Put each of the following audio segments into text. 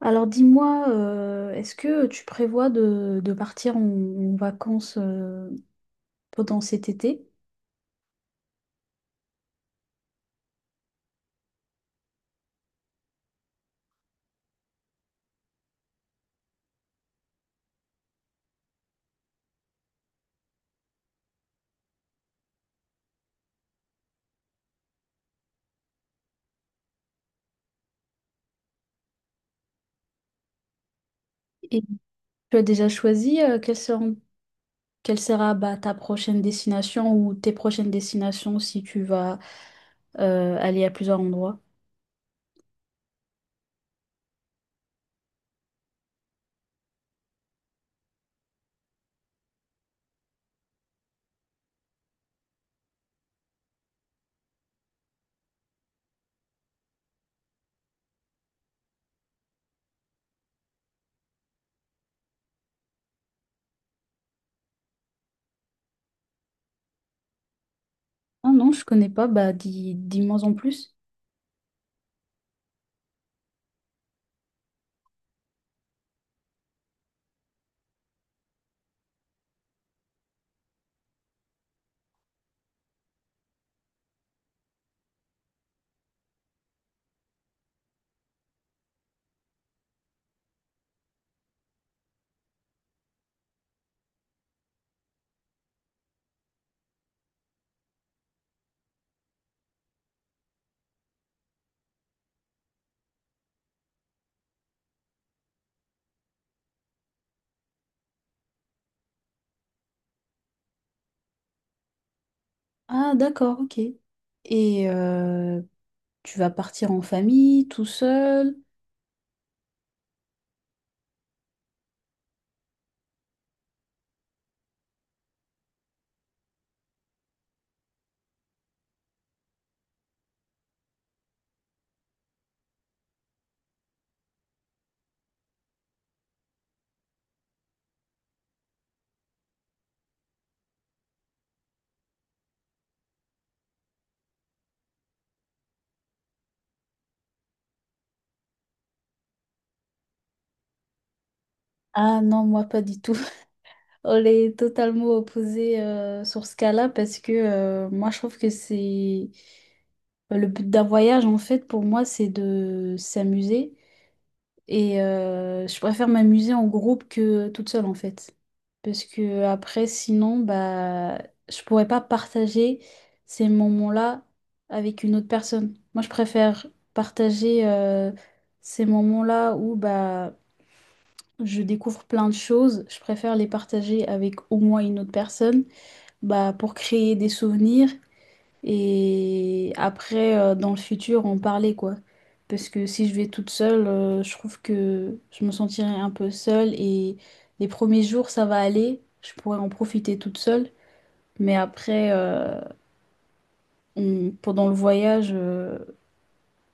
Alors dis-moi, est-ce que tu prévois de partir en vacances pendant cet été? Et tu as déjà choisi quelle sera ta prochaine destination ou tes prochaines destinations si tu vas aller à plusieurs endroits? Ah non, je connais pas, bah dis-moi en plus. Ah d'accord, ok. Et tu vas partir en famille, tout seul? Ah non, moi pas du tout. On est totalement opposés sur ce cas-là parce que moi je trouve que c'est bah, le but d'un voyage en fait pour moi c'est de s'amuser et je préfère m'amuser en groupe que toute seule en fait parce que après sinon bah je pourrais pas partager ces moments-là avec une autre personne. Moi je préfère partager ces moments-là où bah je découvre plein de choses, je préfère les partager avec au moins une autre personne, bah pour créer des souvenirs et après dans le futur en parler quoi. Parce que si je vais toute seule, je trouve que je me sentirai un peu seule et les premiers jours ça va aller, je pourrais en profiter toute seule, mais après pendant le voyage,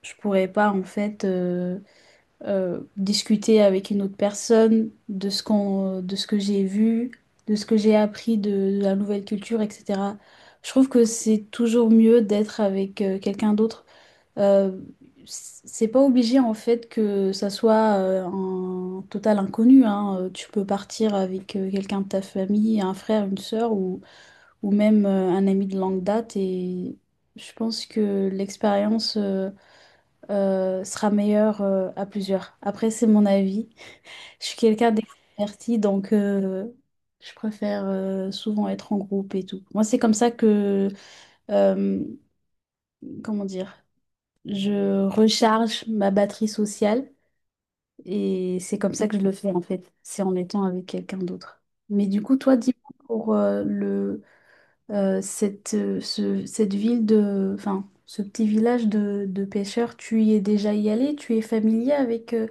je pourrais pas en fait. Discuter avec une autre personne de ce de ce que j'ai vu, de ce que j'ai appris de la nouvelle culture, etc. Je trouve que c'est toujours mieux d'être avec quelqu'un d'autre. Euh, c'est pas obligé en fait que ça soit un total inconnu, hein. Tu peux partir avec quelqu'un de ta famille, un frère, une sœur ou même un ami de longue date et je pense que l'expérience sera meilleur à plusieurs. Après, c'est mon avis. Je suis quelqu'un d'extraverti, donc je préfère souvent être en groupe et tout. Moi, c'est comme ça que, euh, comment dire, je recharge ma batterie sociale et c'est comme ça que je le fais en fait. C'est en étant avec quelqu'un d'autre. Mais du coup, toi, dis-moi pour le, cette ville de, enfin, ce petit village de pêcheurs, tu y es déjà y allé? Tu es familier avec...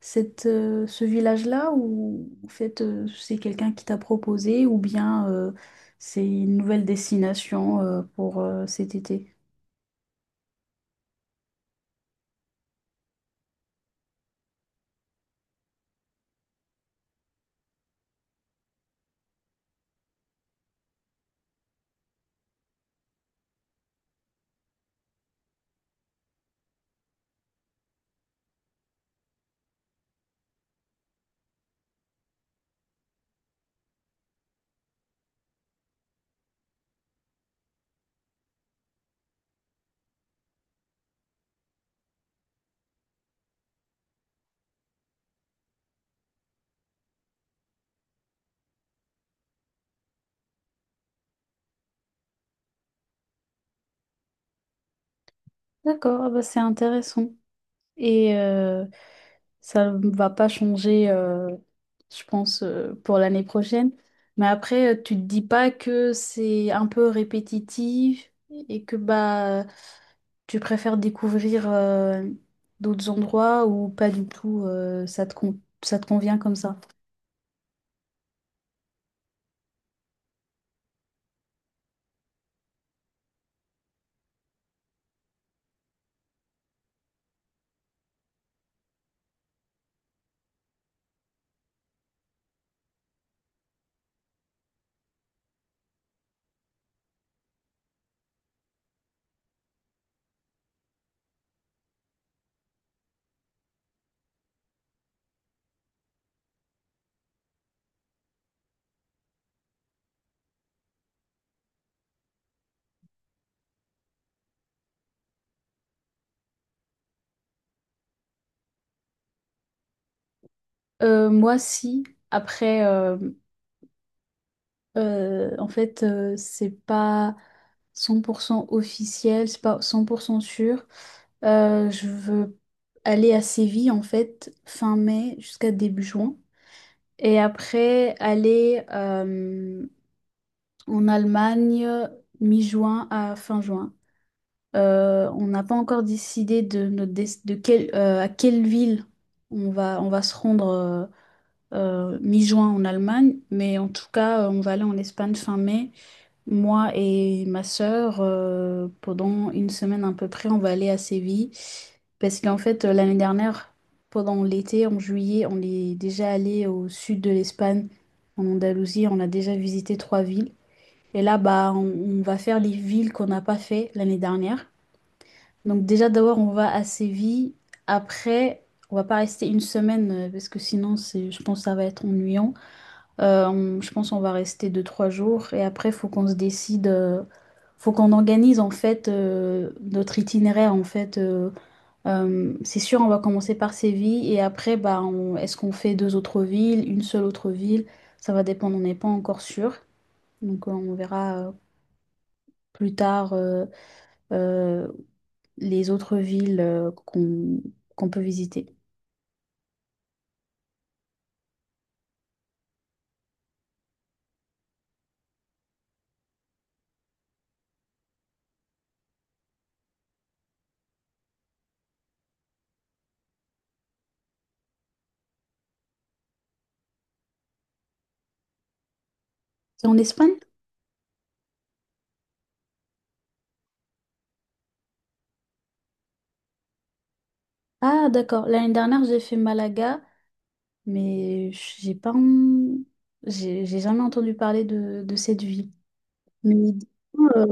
ce village-là ou en fait c'est quelqu'un qui t'a proposé ou bien c'est une nouvelle destination pour cet été? D'accord, ah bah c'est intéressant. Et ça ne va pas changer, je pense, pour l'année prochaine. Mais après, tu te dis pas que c'est un peu répétitif et que bah tu préfères découvrir d'autres endroits ou pas du tout, ça te convient comme ça. Moi, si. Après, en fait, c'est pas 100% officiel, c'est pas 100% sûr. Je veux aller à Séville, en fait, fin mai jusqu'à début juin. Et après, aller en Allemagne mi-juin à fin juin. On n'a pas encore décidé de, notre des- de quelle- à quelle ville on va se rendre mi-juin en Allemagne, mais en tout cas, on va aller en Espagne fin mai. Moi et ma sœur, pendant une semaine à peu près, on va aller à Séville. Parce qu'en fait, l'année dernière, pendant l'été, en juillet, on est déjà allé au sud de l'Espagne, en Andalousie. On a déjà visité trois villes. Et là, bah, on va faire les villes qu'on n'a pas fait l'année dernière. Donc déjà, d'abord, on va à Séville. Après, on va pas rester une semaine parce que sinon, c'est, je pense que ça va être ennuyant. Je pense qu'on va rester deux, trois jours et après, faut qu'on se décide, faut qu'on organise en fait notre itinéraire en fait. C'est sûr, on va commencer par Séville et après, bah, est-ce qu'on fait deux autres villes, une seule autre ville? Ça va dépendre, on n'est pas encore sûr. Donc, on verra plus tard euh, les autres villes qu'on peut visiter. C'est en Espagne? Ah, d'accord. L'année dernière, j'ai fait Malaga mais j'ai pas, j'ai jamais entendu parler de cette ville. Mais euh,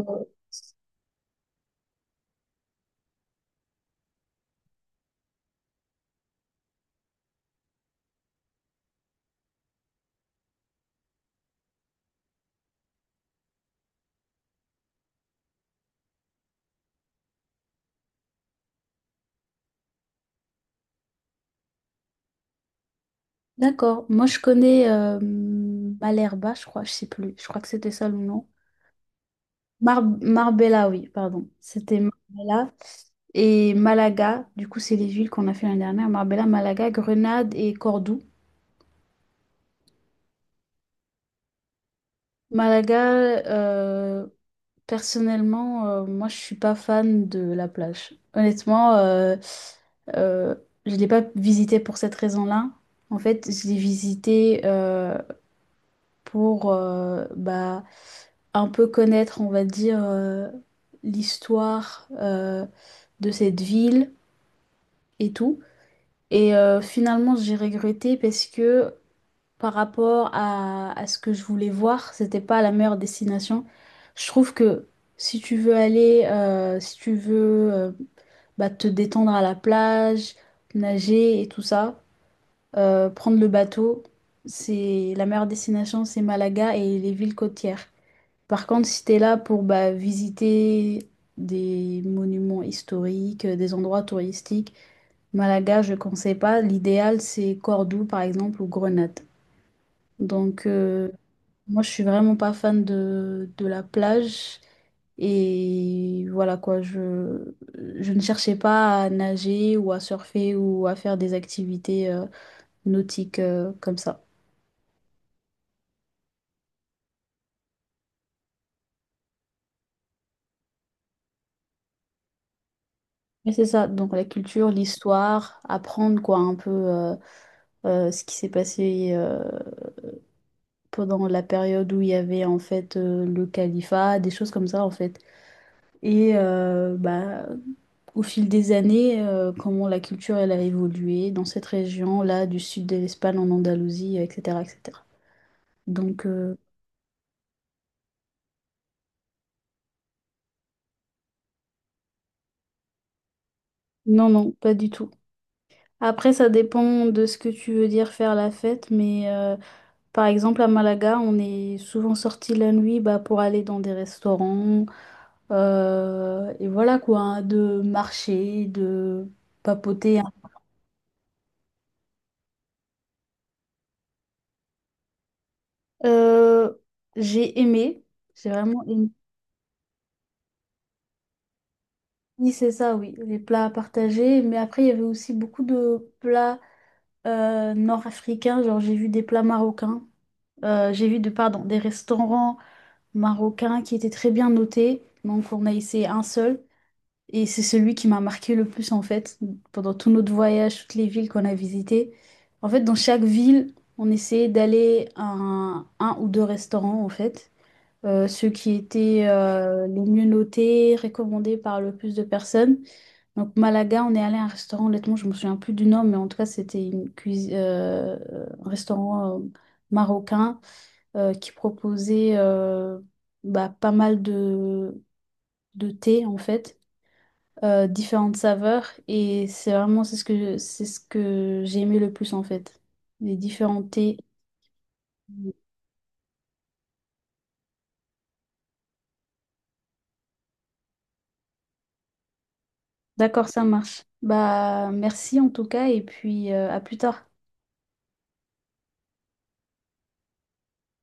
d'accord, moi je connais Malherba, je crois, je sais plus, je crois que c'était ça le nom. Marbella, oui, pardon, c'était Marbella et Malaga. Du coup, c'est les villes qu'on a fait l'année dernière. Marbella, Malaga, Grenade et Cordoue. Malaga, euh, personnellement, moi, je suis pas fan de la plage. Honnêtement, euh, je l'ai pas visitée pour cette raison-là. En fait, je l'ai visitée pour bah, un peu connaître, on va dire, l'histoire de cette ville et tout. Et finalement, j'ai regretté parce que par rapport à ce que je voulais voir, c'était pas la meilleure destination. Je trouve que si tu veux aller, si tu veux bah, te détendre à la plage, nager et tout ça, prendre le bateau, c'est la meilleure destination, c'est Malaga et les villes côtières. Par contre, si t'es là pour bah, visiter des monuments historiques, des endroits touristiques, Malaga, je ne conseille pas. L'idéal, c'est Cordoue, par exemple, ou Grenade. Donc, moi, je suis vraiment pas fan de la plage. Et voilà quoi, je ne cherchais pas à nager ou à surfer ou à faire des activités nautiques comme ça. Mais c'est ça, donc la culture, l'histoire, apprendre quoi un peu ce qui s'est passé pendant la période où il y avait en fait le califat, des choses comme ça en fait. Et bah au fil des années, comment la culture elle a évolué dans cette région-là, du sud de l'Espagne en Andalousie, etc., etc. Donc, non, non, pas du tout. Après, ça dépend de ce que tu veux dire faire la fête, mais par exemple à Malaga, on est souvent sorti la nuit bah, pour aller dans des restaurants, et voilà quoi, hein, de marcher, de papoter, hein. Euh, j'ai aimé, j'ai vraiment aimé. Oui, c'est ça, oui, les plats à partager. Mais après, il y avait aussi beaucoup de plats nord-africains. Genre, j'ai vu des plats marocains. J'ai vu de, pardon, des restaurants marocains qui étaient très bien notés. Donc, on a essayé un seul. Et c'est celui qui m'a marqué le plus, en fait, pendant tout notre voyage, toutes les villes qu'on a visitées. En fait, dans chaque ville, on essayait d'aller à un ou deux restaurants, en fait. Ceux qui étaient les mieux notés, recommandés par le plus de personnes. Donc Malaga, on est allé à un restaurant, honnêtement, je me souviens plus du nom, mais en tout cas, c'était une cuisine, un restaurant marocain qui proposait bah, pas mal de thé, en fait, différentes saveurs. Et c'est vraiment c'est ce que j'ai aimé le plus, en fait, les différents thés. D'accord, ça marche. Bah, merci en tout cas, et puis à plus tard.